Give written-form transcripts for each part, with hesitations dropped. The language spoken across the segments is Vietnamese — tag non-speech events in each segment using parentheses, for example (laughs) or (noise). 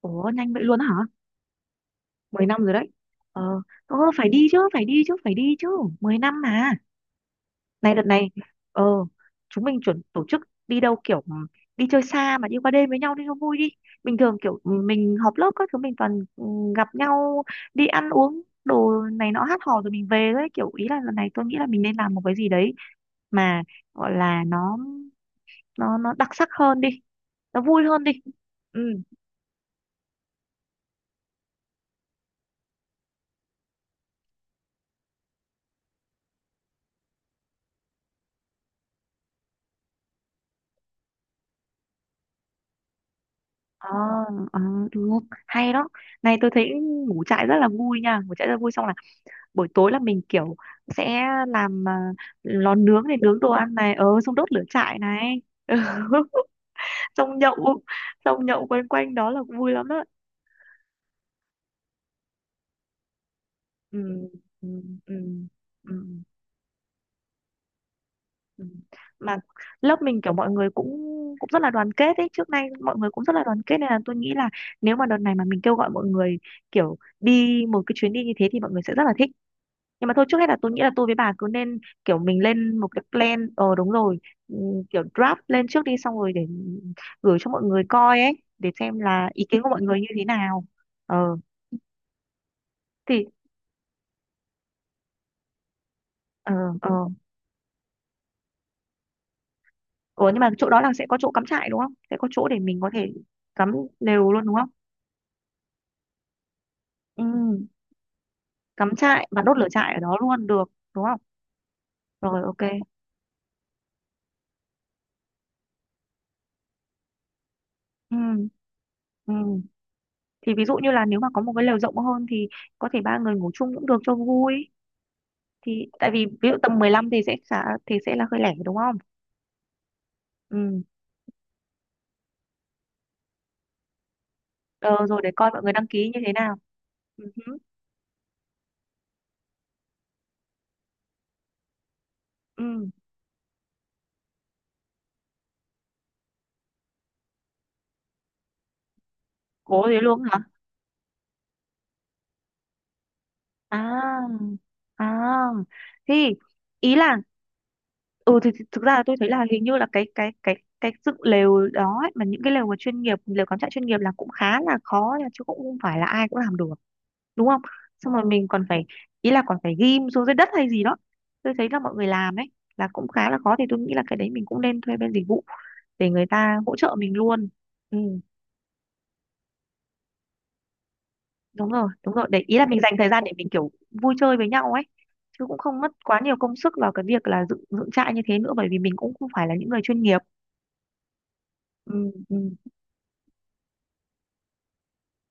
Ủa nhanh vậy luôn á hả? 10 năm rồi đấy. Ờ, phải đi chứ, phải đi chứ, phải đi chứ. 10 năm mà. Này đợt này, ờ, chúng mình chuẩn tổ chức đi đâu kiểu đi chơi xa mà đi qua đêm với nhau đi cho vui đi. Bình thường kiểu mình họp lớp các thứ mình toàn gặp nhau đi ăn uống đồ này nọ hát hò rồi mình về đấy, kiểu ý là lần này tôi nghĩ là mình nên làm một cái gì đấy mà gọi là nó đặc sắc hơn đi, nó vui hơn đi. ừ Ờ, ờ, Được, hay đó. Này tôi thấy ngủ trại rất là vui nha, ngủ trại rất là vui, xong là buổi tối là mình kiểu sẽ làm lò nướng này, nướng đồ ăn này, xong đốt lửa trại này. Ừ. (laughs) Xong nhậu, xong nhậu quanh quanh đó là vui lắm đó. ừ, ừ, ừ, ừ, ừ. Mà lớp mình kiểu mọi người cũng cũng rất là đoàn kết ấy, trước nay mọi người cũng rất là đoàn kết nên là tôi nghĩ là nếu mà đợt này mà mình kêu gọi mọi người kiểu đi một cái chuyến đi như thế thì mọi người sẽ rất là thích. Nhưng mà thôi, trước hết là tôi nghĩ là tôi với bà cứ nên kiểu mình lên một cái plan. Ờ Đúng rồi. Kiểu draft lên trước đi xong rồi để gửi cho mọi người coi ấy để xem là ý kiến của mọi người như thế nào. Ờ thì ờ ờ Ủa nhưng mà chỗ đó là sẽ có chỗ cắm trại đúng không, sẽ có chỗ để mình có thể cắm lều luôn đúng không? ừ Cắm trại và đốt lửa trại ở đó luôn được đúng không? Rồi, ok. ừ ừ thì ví dụ như là nếu mà có một cái lều rộng hơn thì có thể ba người ngủ chung cũng được cho vui. Thì tại vì ví dụ tầm 15 thì sẽ khá, thì sẽ là hơi lẻ đúng không? ừ ờ, Rồi để coi mọi người đăng ký như thế nào. Ừ. hứ, ừ. Cố thế luôn hả? à à thì ý là ừ thì thực ra là tôi thấy là hình như là cái dựng lều đó ấy, mà những cái lều mà chuyên nghiệp, lều cắm trại chuyên nghiệp là cũng khá là khó nha, chứ cũng không phải là ai cũng làm được đúng không? Xong rồi mình còn phải, ý là còn phải ghim xuống dưới đất hay gì đó. Tôi thấy là mọi người làm ấy là cũng khá là khó, thì tôi nghĩ là cái đấy mình cũng nên thuê bên dịch vụ để người ta hỗ trợ mình luôn. ừ Đúng rồi, đúng rồi, để ý là mình dành thời gian để mình kiểu vui chơi với nhau ấy, chứ cũng không mất quá nhiều công sức vào cái việc là dựng dựng trại như thế nữa, bởi vì mình cũng không phải là những người chuyên nghiệp. ừ, ừ.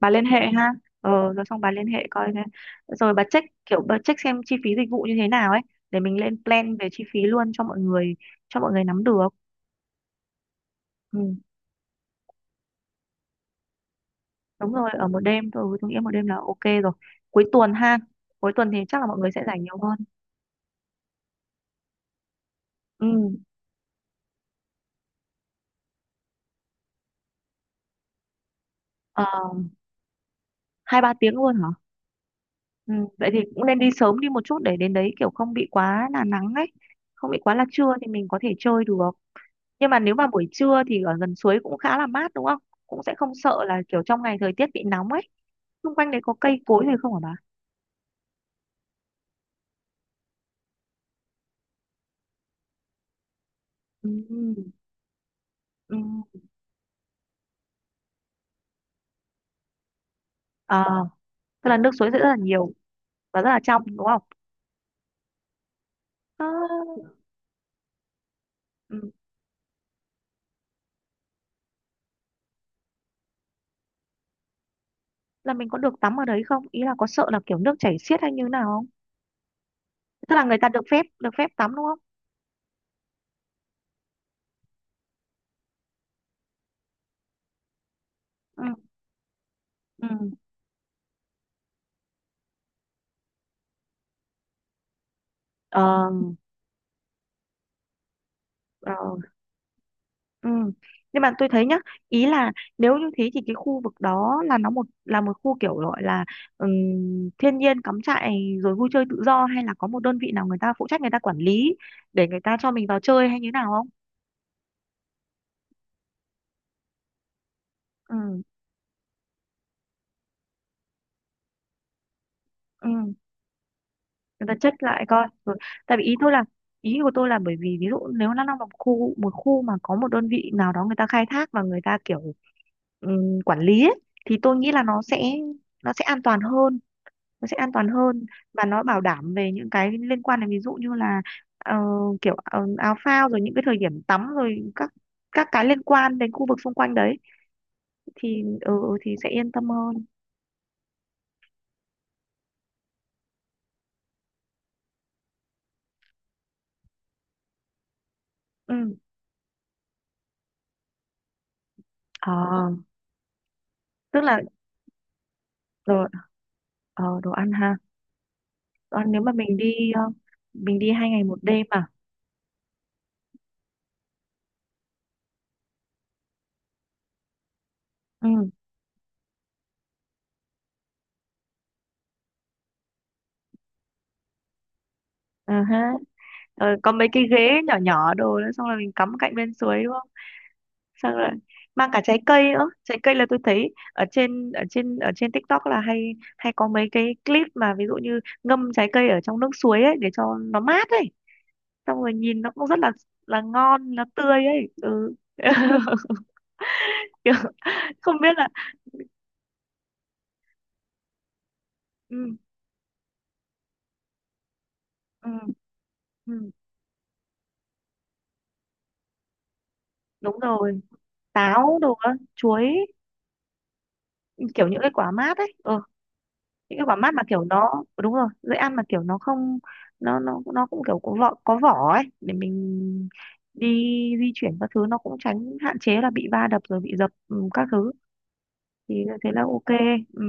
Bà liên hệ ha. Rồi xong bà liên hệ coi thế. Rồi bà check, xem chi phí dịch vụ như thế nào ấy, để mình lên plan về chi phí luôn cho mọi người, cho mọi người nắm được. ừ, Đúng rồi, ở một đêm thôi, tôi nghĩ một đêm là ok rồi. Cuối tuần ha? Cuối tuần thì chắc là mọi người sẽ rảnh nhiều hơn. ừ. ờ, 2-3 tiếng luôn hả? Ừ, vậy thì cũng nên đi sớm đi một chút để đến đấy kiểu không bị quá là nắng ấy, không bị quá là trưa thì mình có thể chơi được. Nhưng mà nếu mà buổi trưa thì ở gần suối cũng khá là mát đúng không, cũng sẽ không sợ là kiểu trong ngày thời tiết bị nóng ấy. Xung quanh đấy có cây cối gì không hả bà? ừ, ừ. À, tức là nước suối sẽ rất là nhiều và rất là trong đúng không? à, ừ. Là mình có được tắm ở đấy không, ý là có sợ là kiểu nước chảy xiết hay như nào không, tức là người ta được phép, được phép tắm đúng không? ừ, ừ. Ờ, ờ, Ừ. Nhưng mà tôi thấy nhá, ý là nếu như thế thì cái khu vực đó là nó một là một khu kiểu gọi là thiên nhiên cắm trại rồi vui chơi tự do, hay là có một đơn vị nào người ta phụ trách, người ta quản lý để người ta cho mình vào chơi hay như nào không? Ừ, ừ. Người ta check lại coi. Rồi. Tại vì ý tôi là, ý của tôi là bởi vì ví dụ nếu nó là một khu, một khu mà có một đơn vị nào đó người ta khai thác và người ta kiểu quản lý ấy, thì tôi nghĩ là nó sẽ an toàn hơn, nó sẽ an toàn hơn, và nó bảo đảm về những cái liên quan đến ví dụ như là ờ, kiểu áo phao rồi những cái thời điểm tắm rồi các cái liên quan đến khu vực xung quanh đấy thì thì sẽ yên tâm hơn. ừ. Ờ, tức là đồ, đồ ăn ha. Đồ ăn nếu mà mình đi mình đi 2 ngày 1 đêm à. Ừ. ờ ha. Ờ, có mấy cái ghế nhỏ nhỏ đồ nữa, xong rồi mình cắm cạnh bên suối đúng. Xong rồi mang cả trái cây nữa, trái cây là tôi thấy ở trên TikTok là hay, hay có mấy cái clip mà ví dụ như ngâm trái cây ở trong nước suối ấy để cho nó mát ấy, xong rồi nhìn nó cũng rất là ngon, nó tươi ấy. Ừ. (laughs) Kiểu không biết là ừ, ừ, ừ, đúng rồi, táo đồ á, chuối, kiểu những cái quả mát ấy. Ừ, những cái quả mát mà kiểu nó đúng rồi dễ ăn, mà kiểu nó không, nó nó cũng kiểu có vỏ, có vỏ ấy để mình đi di chuyển các thứ nó cũng tránh, hạn chế là bị va đập rồi bị dập, các thứ thì thế là ok. ừ.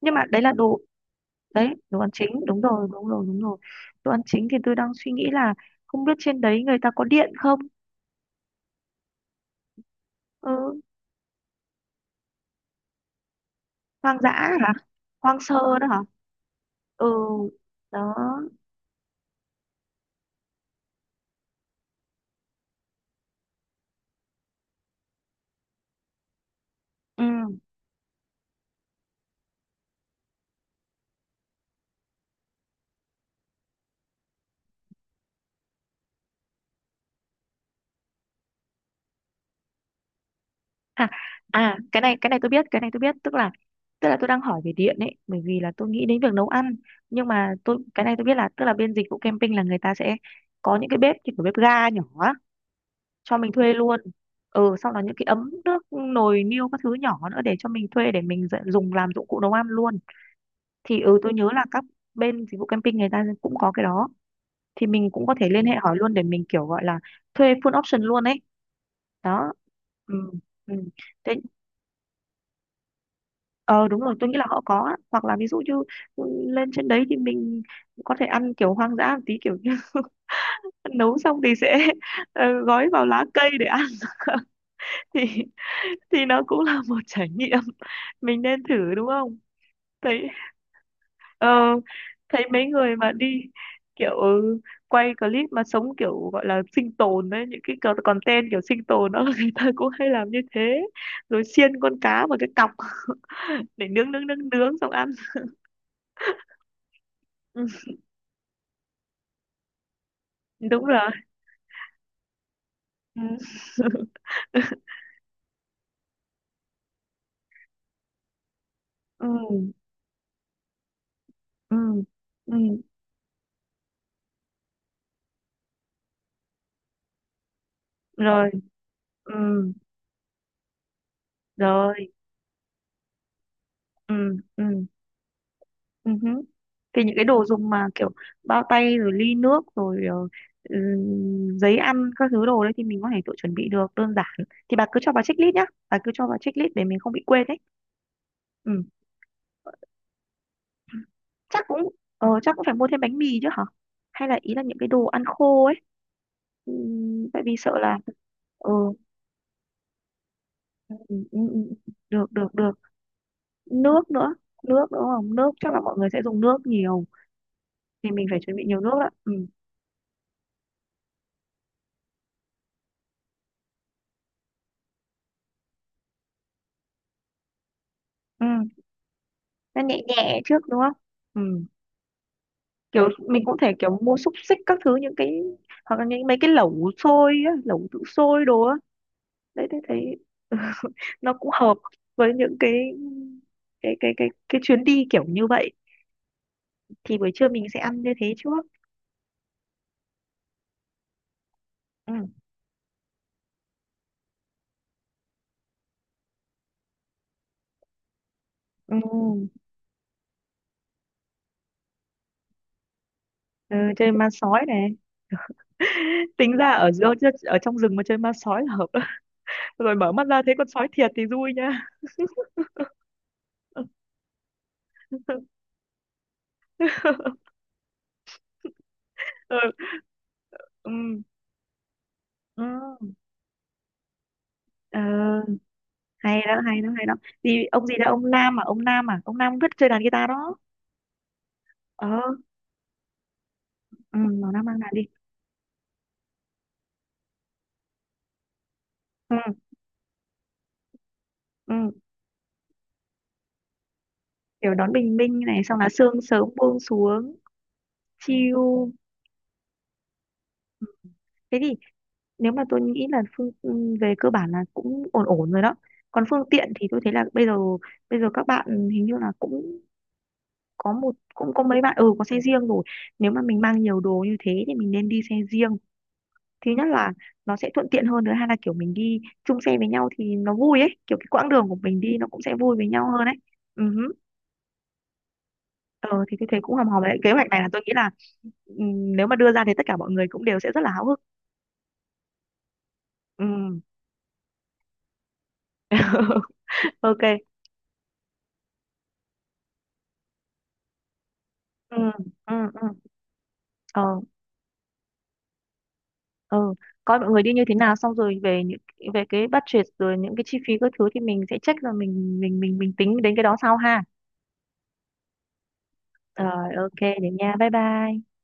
Nhưng mà đấy là đồ, đấy đồ ăn chính, đúng rồi, đúng rồi, đúng rồi. Đồ ăn chính thì tôi đang suy nghĩ là không biết trên đấy người ta có điện không. ừ. Hoang dã hả? Hoang sơ đó hả? Ừ đó ừ. À, à cái này, cái này tôi biết, cái này tôi biết, tức là tôi đang hỏi về điện ấy bởi vì là tôi nghĩ đến việc nấu ăn, nhưng mà tôi cái này tôi biết là tức là bên dịch vụ camping là người ta sẽ có những cái bếp như kiểu bếp ga nhỏ á, cho mình thuê luôn. Sau đó những cái ấm nước nồi niêu các thứ nhỏ nữa để cho mình thuê, để mình dùng làm dụng cụ nấu ăn luôn. Thì tôi nhớ là các bên dịch vụ camping người ta cũng có cái đó, thì mình cũng có thể liên hệ hỏi luôn để mình kiểu gọi là thuê full option luôn ấy. Đó. ừ. Ừ. Thế ờ đúng rồi, tôi nghĩ là họ có á. Hoặc là ví dụ như ừ, lên trên đấy thì mình có thể ăn kiểu hoang dã một tí, kiểu như (laughs) nấu xong thì sẽ (laughs) gói vào lá cây để ăn. (laughs) thì thì nó cũng là một trải nghiệm mình nên thử đúng không? Thấy, ờ, thấy mấy người mà đi kiểu quay clip mà sống kiểu gọi là sinh tồn đấy, những cái content kiểu sinh tồn đó, (laughs) người ta cũng hay làm như thế, rồi xiên con cá vào cái cọc (laughs) để nướng, nướng nướng nướng xong ăn. ừ, Đúng rồi. ừ. (laughs) ừ ừ ừ rồi ừ rồi ừ ừ ừ hứ. Thì những cái đồ dùng mà kiểu bao tay rồi ly nước rồi ừ, giấy ăn các thứ đồ đấy thì mình có thể tự chuẩn bị được đơn giản. Thì bà cứ cho bà checklist nhá, bà cứ cho bà checklist để mình không bị quên đấy. ừ Chắc cũng chắc cũng phải mua thêm bánh mì chứ hả, hay là ý là những cái đồ ăn khô ấy, ừ, tại vì sợ là ừ, ừ, ừ, ừ. được, được, được. Nước nữa, nước, đúng không nước, chắc là mọi người sẽ dùng nước nhiều, thì mình phải chuẩn bị nhiều nước ạ. Ừ ừ nó nhẹ nhẹ trước đúng không? ừ Kiểu mình cũng thể kiểu mua xúc xích các thứ, những cái hoặc là những mấy cái lẩu xôi á, lẩu tự sôi đồ á. Đấy thế thấy nó cũng hợp với những cái chuyến đi kiểu như vậy. Thì buổi trưa mình sẽ ăn như thế trước. ừ ừ, ừ Chơi ma sói này. (laughs) Tính ra ở giữa, ở trong rừng mà chơi ma sói là hợp. (laughs) Đấy. Rồi mở mắt ra thấy con sói thiệt thì vui nha. (laughs) ừ. Ừ. Ừ. Ờ, Hay đó, hay đó, hay đó. Thì ông gì đó, ông Nam rất chơi đàn guitar đó. ờ ừ, nó Nam mang đàn đi. ừ, ừ. Kiểu đón bình minh này, xong là sương sớm buông xuống chill. Thế thì nếu mà tôi nghĩ là phương, về cơ bản là cũng ổn ổn rồi đó. Còn phương tiện thì tôi thấy là bây giờ, bây giờ các bạn hình như là cũng có một, cũng có mấy bạn có xe riêng rồi. Nếu mà mình mang nhiều đồ như thế thì mình nên đi xe riêng, thứ nhất là nó sẽ thuận tiện hơn, thứ hai là kiểu mình đi chung xe với nhau thì nó vui ấy, kiểu cái quãng đường của mình đi nó cũng sẽ vui với nhau hơn ấy. Ừ hứ. Ờ, thì tôi thấy cũng hòm hòm đấy, kế hoạch này là tôi nghĩ là nếu mà đưa ra thì tất cả mọi người cũng đều sẽ rất là háo hức. ừ (laughs) ok. ừ ừ ừ ờ ờ Coi mọi người đi như thế nào xong rồi về những, về cái budget rồi những cái chi phí các thứ thì mình sẽ check rồi mình tính đến cái đó sau ha. Rồi, ok, để nha, bye bye.